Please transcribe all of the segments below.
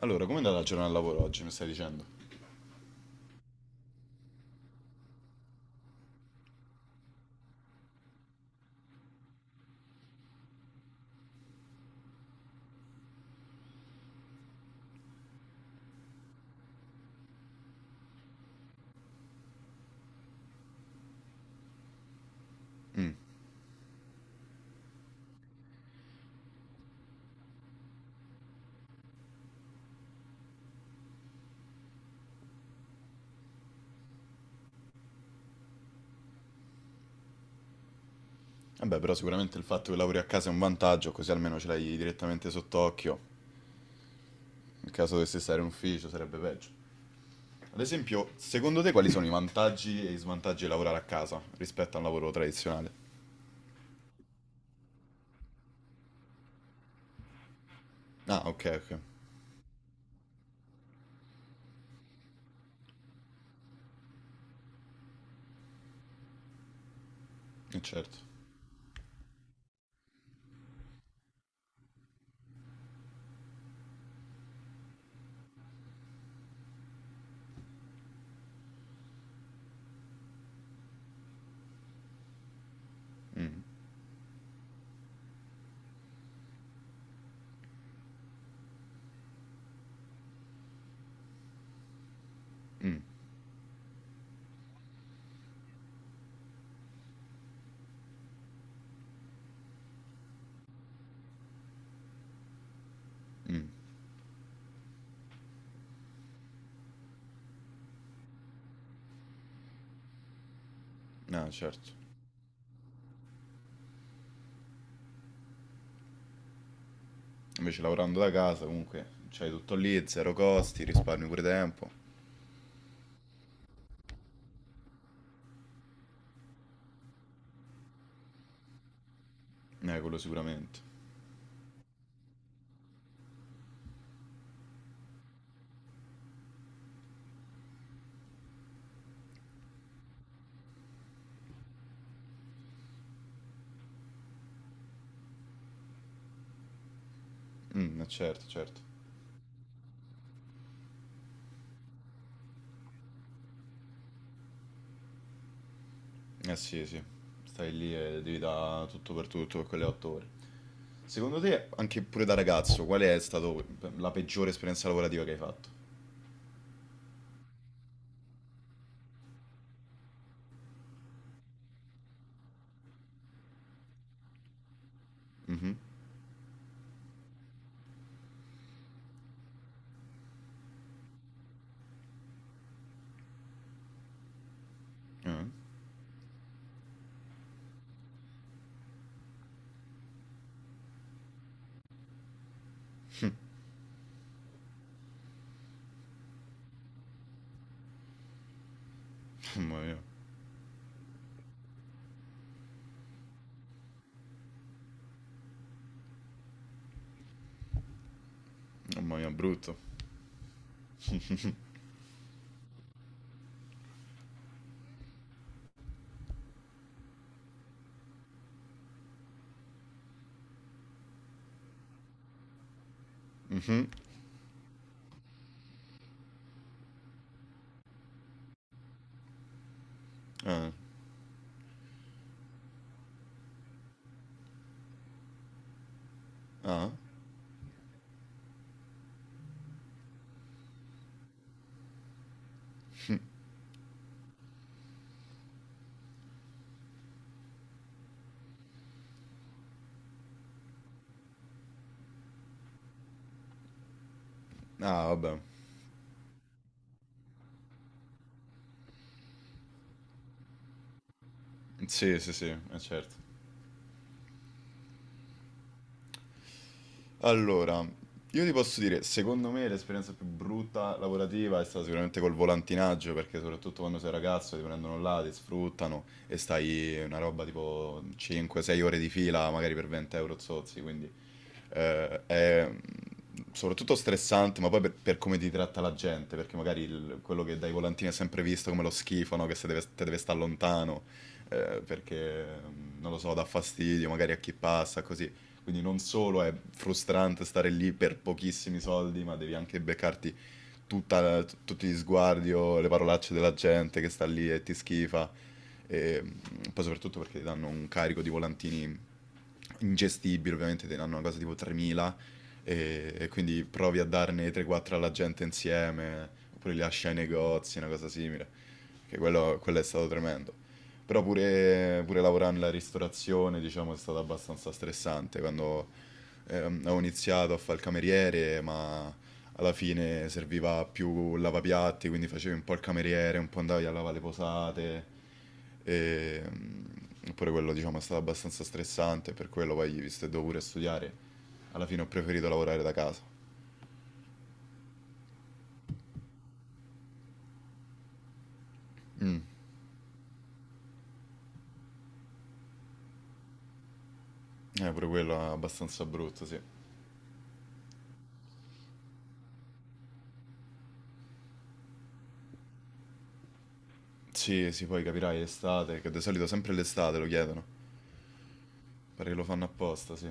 Allora, com'è andata la giornata al lavoro oggi, mi stai dicendo? Vabbè, però sicuramente il fatto che lavori a casa è un vantaggio, così almeno ce l'hai direttamente sott'occhio. In caso dovessi stare in ufficio sarebbe peggio. Ad esempio, secondo te quali sono i vantaggi e i svantaggi di lavorare a casa rispetto a un lavoro tradizionale? Ah, ok, ok. Certo. Mm. Mm. Mm. Ah, certo. Invece lavorando da casa comunque c'hai tutto lì, zero costi, risparmi pure tempo. Quello sicuramente. Mm, certo, certo. Eh sì, sì, stai lì e devi dare tutto per quelle otto ore. Secondo te, anche pure da ragazzo, qual è stata la peggiore esperienza lavorativa che hai fatto? Mhm. Eh. Mamma mia, mamma mia, brutto. Mhm. Eh. Ah. Ah, vabbè. Sì, sì, sì, è certo. Allora, io ti posso dire, secondo me l'esperienza più brutta lavorativa è stata sicuramente col volantinaggio, perché soprattutto quando sei ragazzo ti prendono là, ti sfruttano e stai una roba tipo 5-6 ore di fila, magari per 20 euro zozzi, quindi eh, è mm, soprattutto stressante, ma poi per come ti tratta la gente, perché magari quello che dai volantini è sempre visto come lo schifo, no? Che se deve, te deve stare lontano, perché, non lo so, dà fastidio magari a chi passa, così. Quindi non solo è frustrante stare lì per pochissimi soldi, ma devi anche beccarti tutti gli sguardi o le parolacce della gente che sta lì e ti schifa. E mm, Poi soprattutto perché ti danno un carico di volantini ingestibile, ovviamente te ne hanno una cosa tipo 3.000 e quindi provi a darne 3-4 alla gente insieme, oppure li lasci ai negozi, una cosa simile, che quello è stato tremendo. Però pure lavorare nella ristorazione, diciamo, è stato abbastanza stressante quando ho iniziato a fare il cameriere, ma alla fine serviva più il lavapiatti, quindi facevi un po' il cameriere, un po' andavi a lavare le posate. E, mm, Oppure quello, diciamo, è stato abbastanza stressante, per quello poi, visto che dovevo pure studiare, alla fine ho preferito lavorare da casa. Mm. Pure quello è abbastanza brutto, sì. Sì, sì, poi capirai, estate, che di solito sempre l'estate lo chiedono. Pare che lo fanno apposta, sì.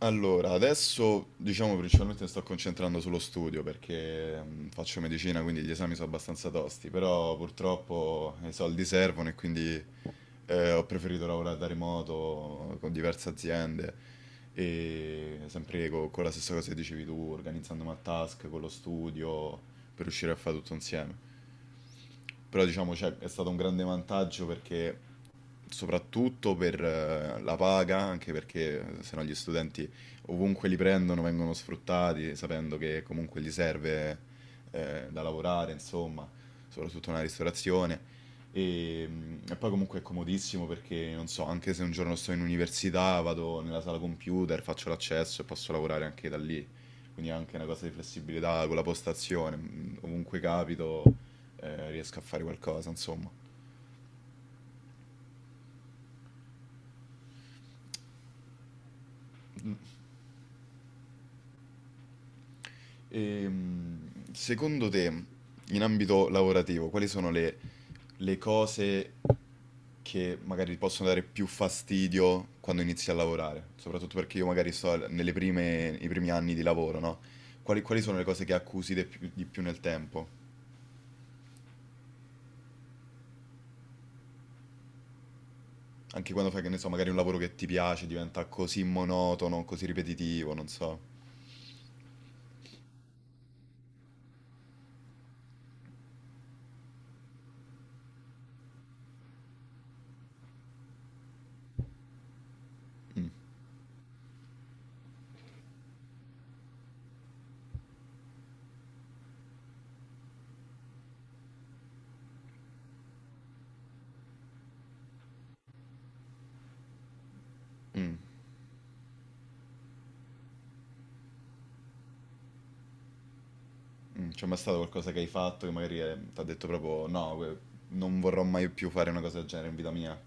Allora, adesso diciamo principalmente mi sto concentrando sullo studio perché faccio medicina, quindi gli esami sono abbastanza tosti, però purtroppo i soldi servono e quindi ho preferito lavorare da remoto con diverse aziende e sempre con la stessa cosa che dicevi tu, organizzandomi a task con lo studio per riuscire a fare tutto insieme. Però diciamo cioè, è stato un grande vantaggio perché soprattutto per la paga, anche perché se no gli studenti ovunque li prendono vengono sfruttati, sapendo che comunque gli serve da lavorare, insomma, soprattutto nella ristorazione. E poi comunque è comodissimo perché, non so, anche se un giorno sto in università, vado nella sala computer, faccio l'accesso e posso lavorare anche da lì. Quindi è anche una cosa di flessibilità con la postazione, ovunque capito, riesco a fare qualcosa, insomma. Secondo te, in ambito lavorativo, quali sono le cose che magari ti possono dare più fastidio quando inizi a lavorare? Soprattutto perché io magari sto nelle prime, i primi anni di lavoro, no? Quali sono le cose che accusi di più nel tempo? Anche quando fai, che ne so, magari un lavoro che ti piace diventa così monotono, così ripetitivo, non so. Mm, mm, mm. C'è mai stato qualcosa che hai fatto che magari ti ha detto proprio no, non vorrò mai più fare una cosa del genere in vita mia?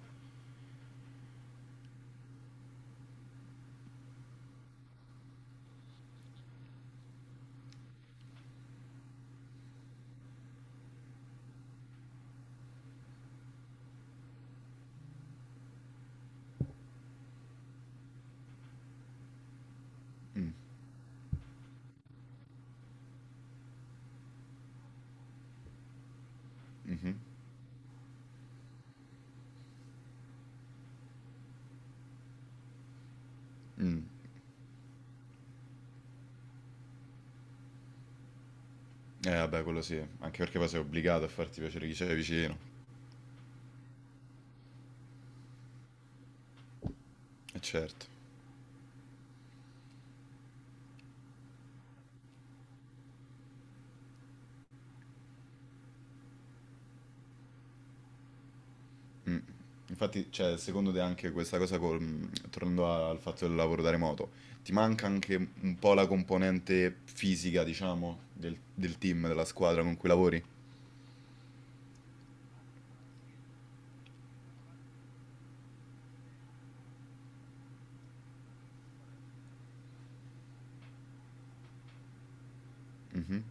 Mm, mhm, mm. Eh vabbè, quello sì, anche perché poi sei obbligato a farti piacere chi c'è vicino, e certo. Mm. Infatti, cioè, secondo te anche questa cosa, tornando al fatto del lavoro da remoto, ti manca anche un po' la componente fisica, diciamo, del team, della squadra con cui lavori? Mhm.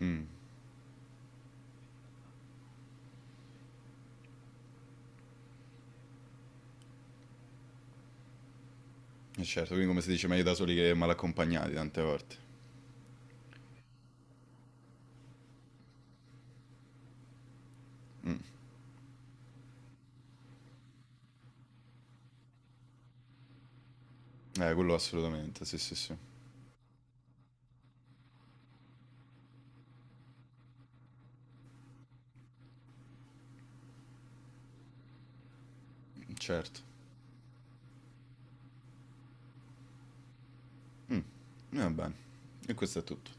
Mm. E certo, quindi come si dice, meglio da soli che mal accompagnati tante volte. Quello assolutamente, sì, sì, sì, certo. E va bene, e questo è tutto.